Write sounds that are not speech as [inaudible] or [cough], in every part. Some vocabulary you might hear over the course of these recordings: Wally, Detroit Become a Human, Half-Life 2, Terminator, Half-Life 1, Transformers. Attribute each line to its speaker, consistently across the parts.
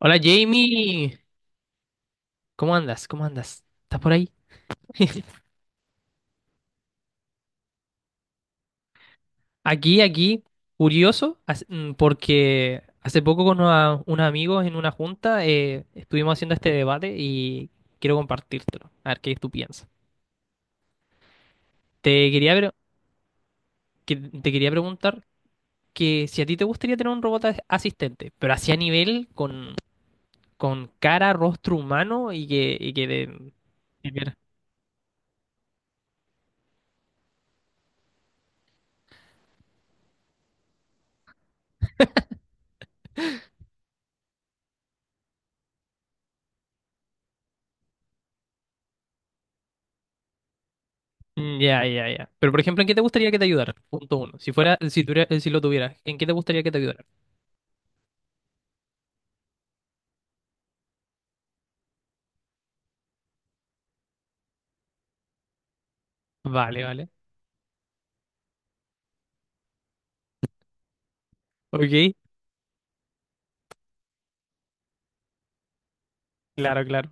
Speaker 1: Hola Jamie, ¿cómo andas? ¿Cómo andas? ¿Estás por ahí? [laughs] Aquí, aquí, curioso, porque hace poco con unos amigos en una junta estuvimos haciendo este debate y quiero compartírtelo, a ver qué tú piensas. Te quería, pre- Te quería preguntar que si a ti te gustaría tener un robot asistente, pero así a nivel con cara, rostro humano. Ya, ya, ya. Pero por ejemplo, ¿en qué te gustaría que te ayudara? Punto uno. Si fuera, si lo tuvieras, ¿en qué te gustaría que te ayudara? Vale, vale. Ok, claro, claro.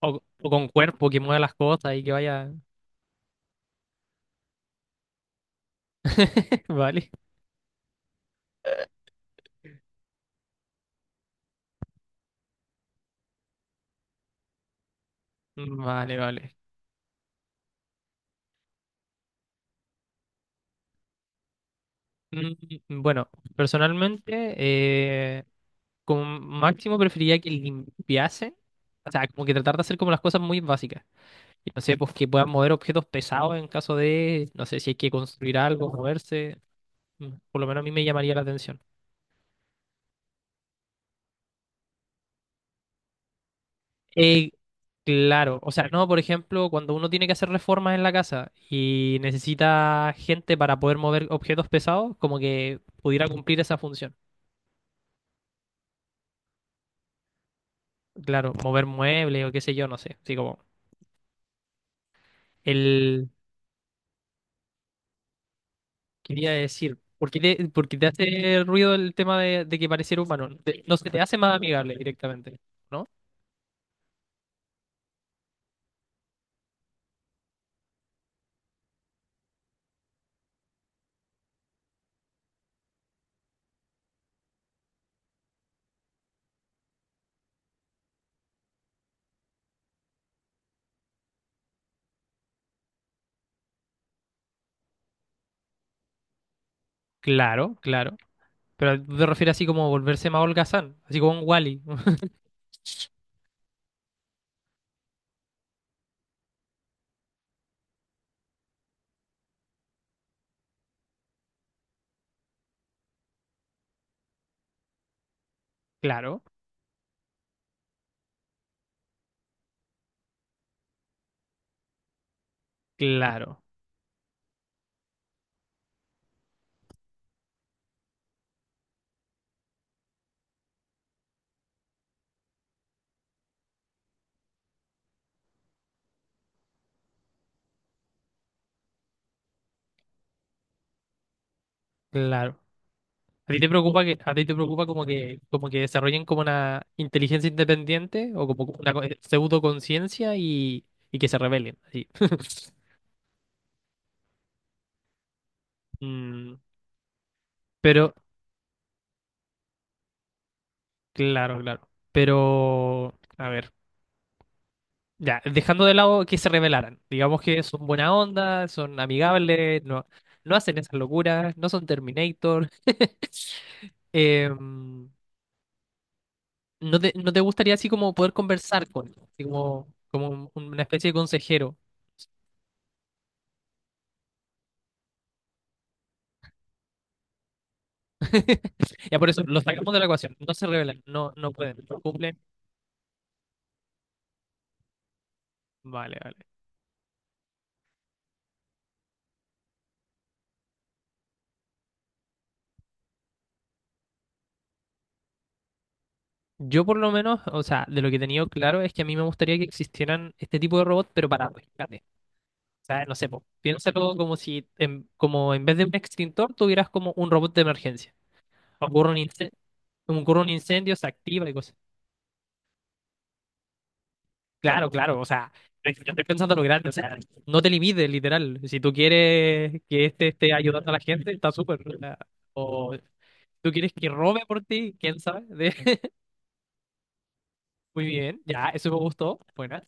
Speaker 1: O con cuerpo que mueva las cosas y que vaya. [laughs] Vale. Vale, vale. Bueno, personalmente, con máximo preferiría que limpiase. O sea, como que tratar de hacer como las cosas muy básicas. Y no sé, pues que puedan mover objetos pesados en caso de, no sé, si hay que construir algo, moverse. Por lo menos a mí me llamaría la atención. Eh, claro, o sea, no, por ejemplo, cuando uno tiene que hacer reformas en la casa y necesita gente para poder mover objetos pesados, como que pudiera cumplir esa función. Claro, mover muebles o qué sé yo, no sé. Así como, el. Quería decir, ¿ por qué te hace ruido el tema de que pareciera humano? No se te hace más amigable directamente, ¿no? Claro, claro. Pero tú te refieres así como volverse más holgazán, así como un Wally. [laughs] Claro, claro, claro. ¿A ti te preocupa que, a ti te preocupa como que desarrollen como una inteligencia independiente o como una pseudoconciencia y que se rebelen? Así. [laughs] Mm, pero, claro, claro. Pero, a ver, ya, dejando de lado que se rebelaran. Digamos que son buena onda, son amigables, no, no hacen esas locuras, no son Terminator. [laughs] Em, ¿no te, no te gustaría así como poder conversar con ellos? Así como, una especie de consejero? Ya por eso, los sacamos de la ecuación. No se revelan, no, no pueden, no cumplen. Vale, vale. Yo por lo menos, o sea, de lo que he tenido claro es que a mí me gustaría que existieran este tipo de robots, pero para rescate. O sea, no sé, po, piénsalo como si en, como en vez de un extintor tuvieras como un robot de emergencia. Ocurre un incendio, ocurre un incendio, se activa y cosas. Claro, claro, o sea, yo estoy pensando en lo grande, o sea, no te limites, literal. Si tú quieres que este esté ayudando a la gente, está súper. O sea, o- ¿tú quieres que robe por ti? ¿Quién sabe? Muy bien, ya, eso me gustó. Buena.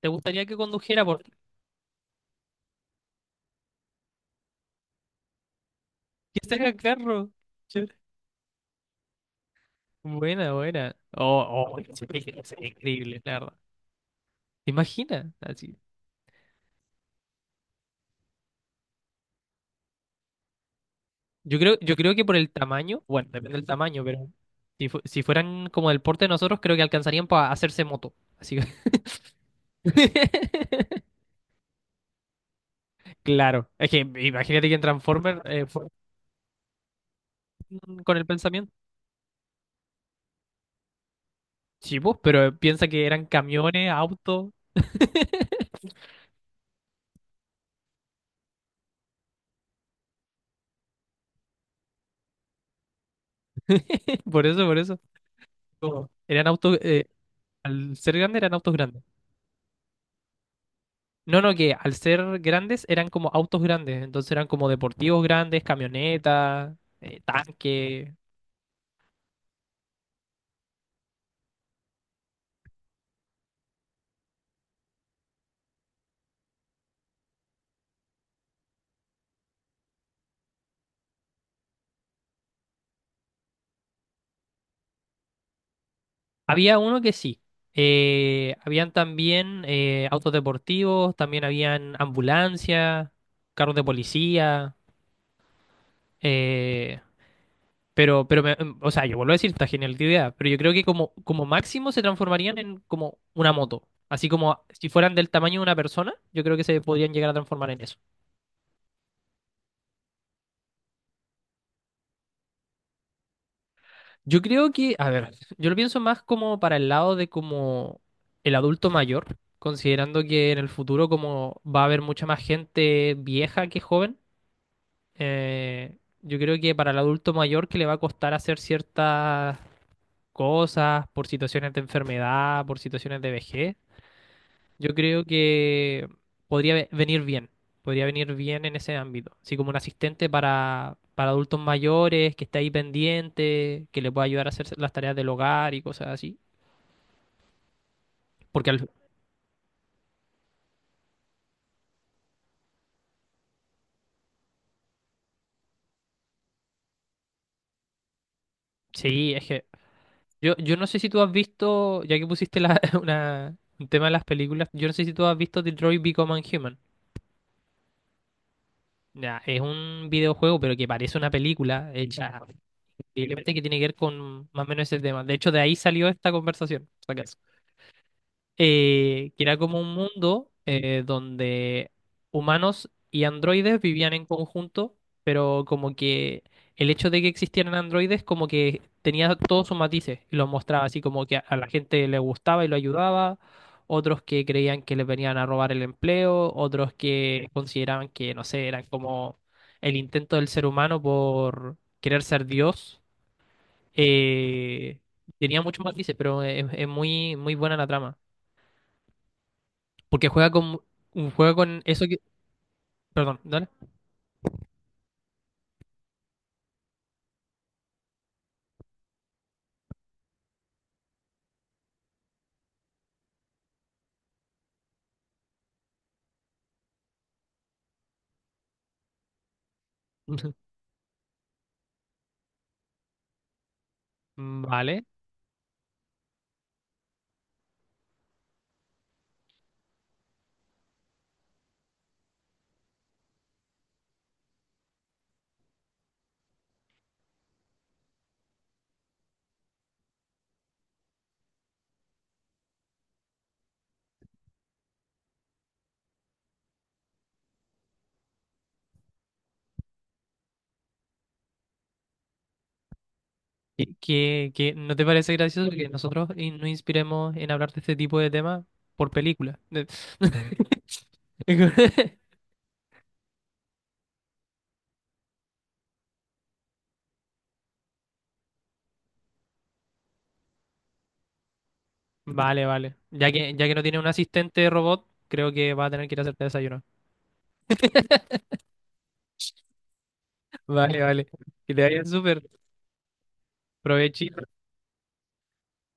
Speaker 1: ¿Te gustaría que condujera por ti? ¿Qué saca carro? Che. Buena, buena. Oh, oh, es increíble, la verdad. ¿Te imaginas? Así. Yo creo que por el tamaño, bueno, depende del tamaño, pero si fueran como del porte de nosotros, creo que alcanzarían para hacerse moto. Así que. [laughs] Claro, es que imagínate que en Transformers fueron con el pensamiento. Sí, pues, pero piensa que eran camiones, autos. [laughs] Por eso, por eso. Como, eran autos, al ser grandes eran autos grandes. No, no, que al ser grandes eran como autos grandes. Entonces eran como deportivos grandes, camionetas, tanques. Había uno que sí. Habían también autos deportivos, también habían ambulancias, carros de policía. eh, pero, pero me- o sea, yo vuelvo a decir, esta genialidad, pero yo creo que como, como máximo se transformarían en como una moto. Así como si fueran del tamaño de una persona, yo creo que se podrían llegar a transformar en eso. Yo creo que, a ver, yo lo pienso más como para el lado de como el adulto mayor, considerando que en el futuro como va a haber mucha más gente vieja que joven, yo creo que para el adulto mayor que le va a costar hacer ciertas cosas por situaciones de enfermedad, por situaciones de vejez, yo creo que venir bien, podría venir bien en ese ámbito, así como un asistente para adultos mayores, que esté ahí pendiente, que le pueda ayudar a hacer las tareas del hogar y cosas así. Porque al- sí, es que yo no sé si tú has visto, [laughs] un tema de las películas, yo no sé si tú has visto Detroit Become a Human. Ya, es un videojuego, pero que parece una película hecha, posiblemente que tiene que ver con más o menos ese tema. De hecho, de ahí salió esta conversación. Que era como un mundo donde humanos y androides vivían en conjunto, pero como que el hecho de que existieran androides como que tenía todos sus matices y los mostraba así como que a la gente le gustaba y lo ayudaba, otros que creían que les venían a robar el empleo, otros que consideraban que, no sé, eran como el intento del ser humano por querer ser Dios. Eh, tenía muchos matices, pero es muy, muy buena la trama. Porque juega con un juego con eso que. Perdón, dale. [laughs] Vale. ¿Qué, no te parece gracioso que nosotros nos inspiremos en hablar de este tipo de temas por película? De- [laughs] Vale, vale. Ya que no tiene un asistente robot, creo que va a tener que ir a hacerte desayuno. [laughs] Vale, vale. Que te vaya súper. Provechito.